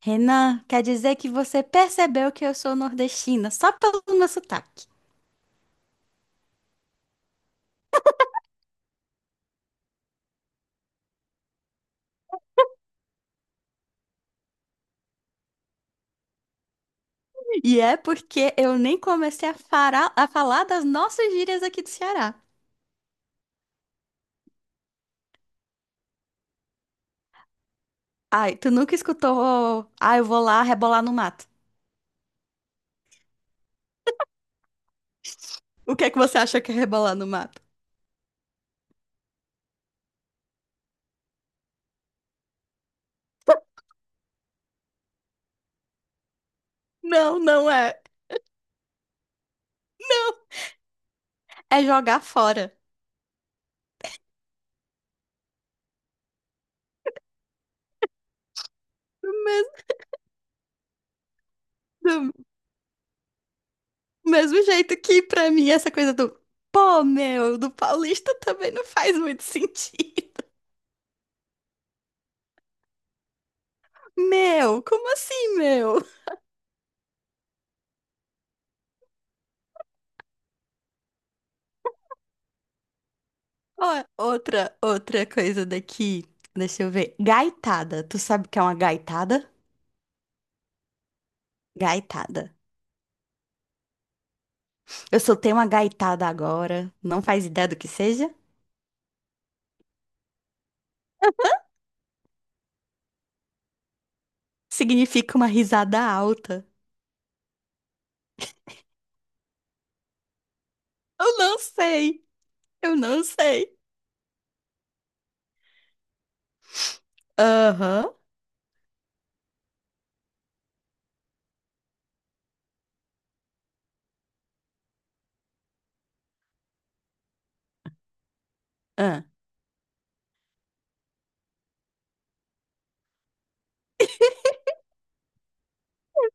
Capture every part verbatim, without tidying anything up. Renan, quer dizer que você percebeu que eu sou nordestina só pelo meu sotaque. E é porque eu nem comecei a, fará- a falar das nossas gírias aqui do Ceará. Ai, tu nunca escutou? Ah, eu vou lá rebolar no mato. O que é que você acha que é rebolar no mato? Não, não é. É jogar fora. Do mes- do mesmo jeito que pra mim essa coisa do pô, meu, do paulista também não faz muito sentido. Meu, como assim, meu? Ó, outra, outra coisa daqui. Deixa eu ver. Gaitada. Tu sabe o que é uma gaitada? Gaitada. Eu soltei uma gaitada agora. Não faz ideia do que seja? Significa uma risada alta. Eu não sei. Eu não sei. Aham. Ah.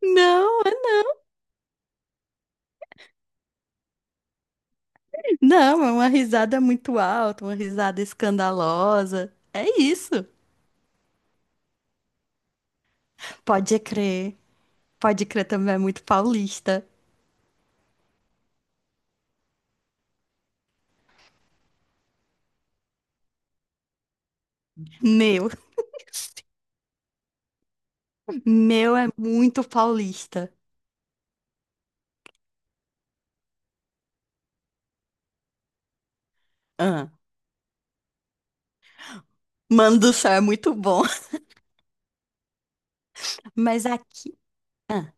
Não, é não, é uma risada muito alta, uma risada escandalosa. É isso. Pode crer. Pode crer também é muito paulista. Meu, meu é muito paulista. Ah, manduçá é muito bom. Mas aqui, ah,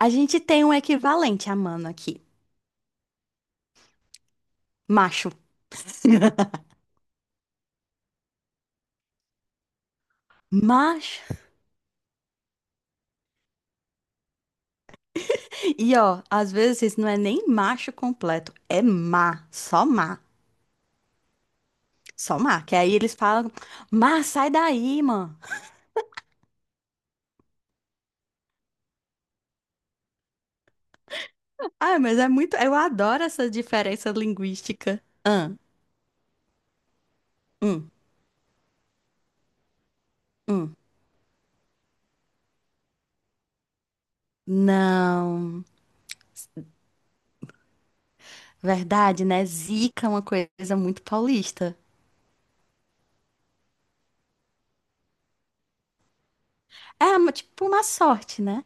a gente tem um equivalente a mano aqui, macho. Macho. E ó, às vezes não é nem macho completo, é má, só má, só má. Que aí eles falam, má, sai daí, mano. Ah, mas é muito. Eu adoro essa diferença linguística. Ah, hum, hum. Não. Verdade, né? Zica é uma coisa muito paulista. É, uma- tipo, uma sorte, né?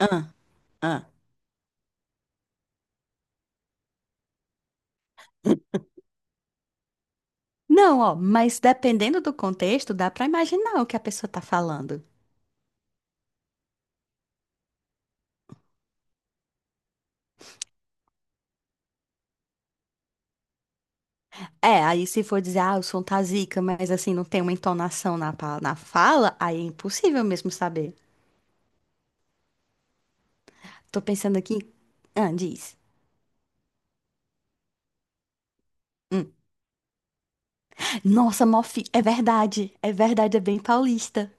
Ah, ah. Não, ó, mas dependendo do contexto, dá pra imaginar o que a pessoa tá falando. É, aí se for dizer, ah, eu sou um tazica, mas assim, não tem uma entonação na, pa- na fala, aí é impossível mesmo saber. Tô pensando aqui. Ah, diz. Hum. Nossa, Mofi, é verdade. É verdade, é bem paulista.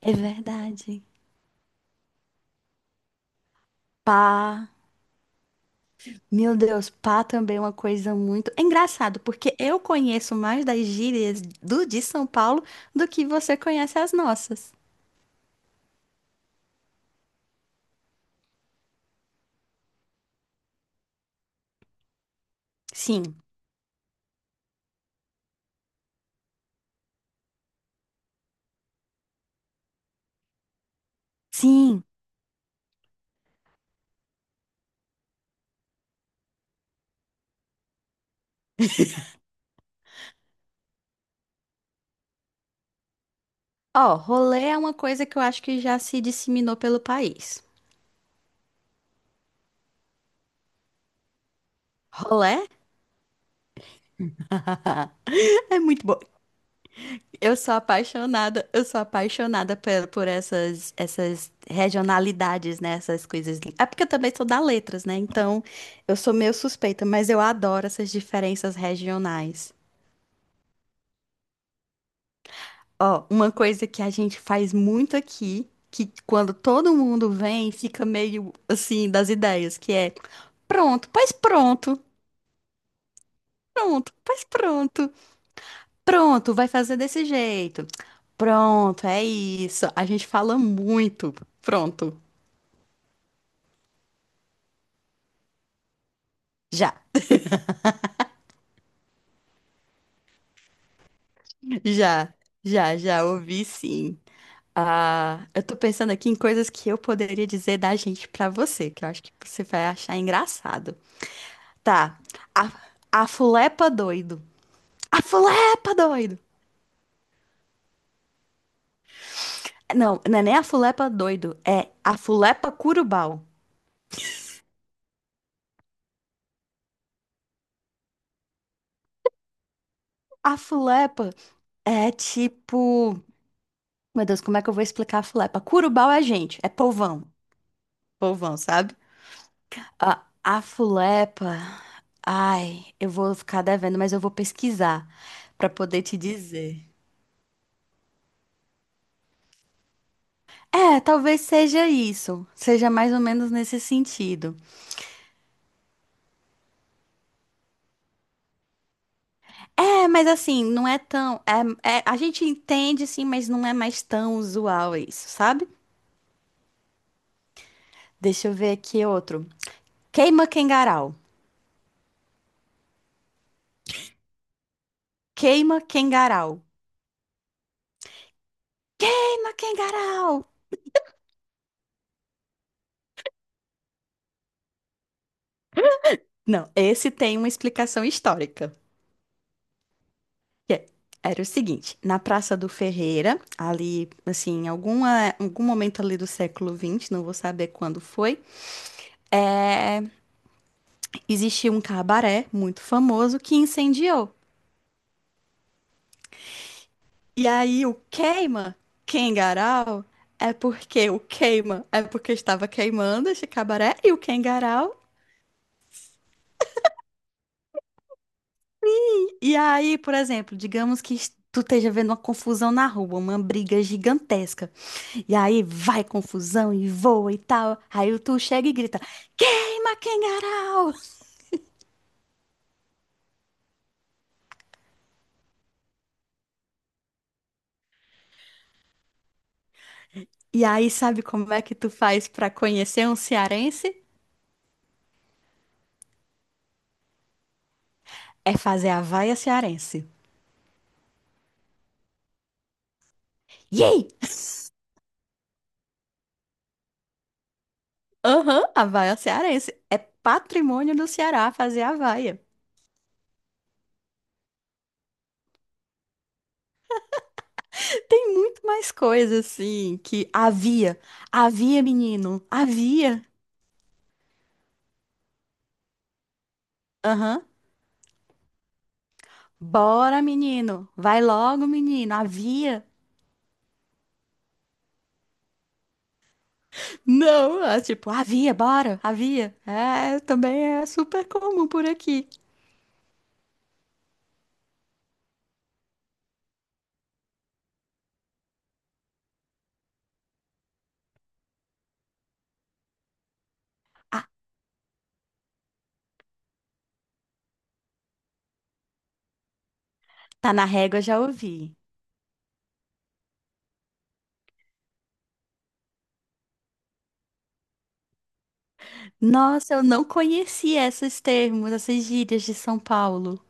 É verdade. Pá. Meu Deus, pá também é uma coisa muito. É engraçado, porque eu conheço mais das gírias do de São Paulo do que você conhece as nossas. Sim. Sim. Ó, rolê é uma coisa que eu acho que já se disseminou pelo país. Rolê é muito bom. Eu sou apaixonada, eu sou apaixonada pe- por, essas, essas regionalidades, né? Essas coisas. É porque eu também sou da letras, né? Então eu sou meio suspeita, mas eu adoro essas diferenças regionais. Ó, uma coisa que a gente faz muito aqui, que quando todo mundo vem, fica meio assim das ideias, que é pronto, pois pronto, pronto, pois pronto. Pronto, vai fazer desse jeito. Pronto, é isso. A gente fala muito. Pronto. Já, já, já, já ouvi sim. Ah, eu tô pensando aqui em coisas que eu poderia dizer da gente pra você, que eu acho que você vai achar engraçado. Tá. A, a fulepa doido. A fulepa doido. Não, não é nem a fulepa doido, é a fulepa curubal. A fulepa é tipo Meu Deus, como é que eu vou explicar a Fulepa? Curubau é gente, é povão. Povão, sabe? A, a Fulepa. Ai, eu vou ficar devendo, mas eu vou pesquisar pra poder te dizer. É, talvez seja isso. Seja mais ou menos nesse sentido. É, mas assim, não é tão. É, é- a gente entende sim, mas não é mais tão usual isso, sabe? Deixa eu ver aqui outro. Queima quengarau. Queima quengarau. Queima quengarau! Não, esse tem uma explicação histórica. que é- Era o seguinte, na Praça do Ferreira, ali, assim, em alguma, algum momento ali do século vinte, não vou saber quando foi, é, existia um cabaré muito famoso que incendiou. E aí o queima, Kengarau, é porque o queima, é porque estava queimando esse cabaré e o Kengarau. E aí, por exemplo, digamos que tu esteja vendo uma confusão na rua, uma briga gigantesca. E aí vai confusão e voa e tal. Aí tu chega e grita: Queima, Quengarau! E aí, sabe como é que tu faz pra conhecer um cearense? É fazer a vaia cearense. Yay! Aham, a vaia cearense. É patrimônio do Ceará fazer a vaia. Tem muito mais coisa assim que havia. Havia, menino. Havia. Aham. Bora, menino. Vai logo, menino. Havia. Não, é tipo, havia, bora, havia. É, também é super comum por aqui. Ah, tá na régua, já ouvi. Nossa, eu não conhecia esses termos, essas gírias de São Paulo.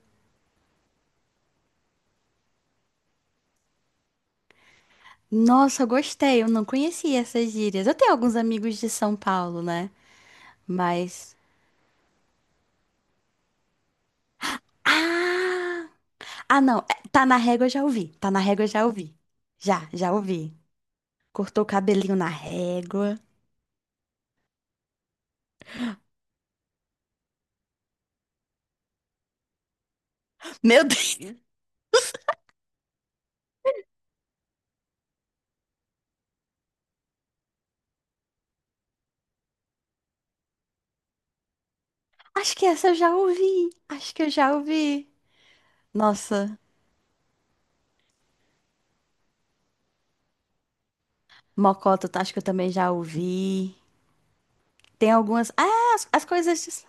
Nossa, eu gostei, eu não conhecia essas gírias. Eu tenho alguns amigos de São Paulo, né? Mas. Ah! Ah, não, é, tá na régua, já ouvi. Tá na régua, já ouvi. Já, já ouvi. Cortou o cabelinho na régua. Meu Deus! Acho que essa eu já ouvi. Acho que eu já ouvi. Nossa, Mocota, tá- acho que eu também já ouvi. Tem algumas. Ah, as, as coisas.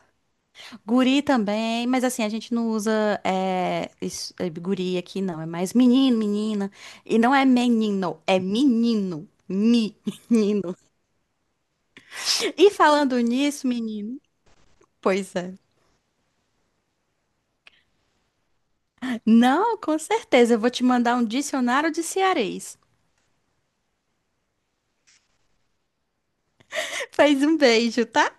Guri também, mas assim, a gente não usa é, isso- é, guri aqui, não. É mais menino, menina. E não é menino, é menino. Menino. E falando nisso, menino. Pois é. Não, com certeza. Eu vou te mandar um dicionário de cearês. Faz um beijo, tá?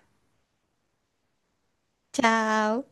Tchau.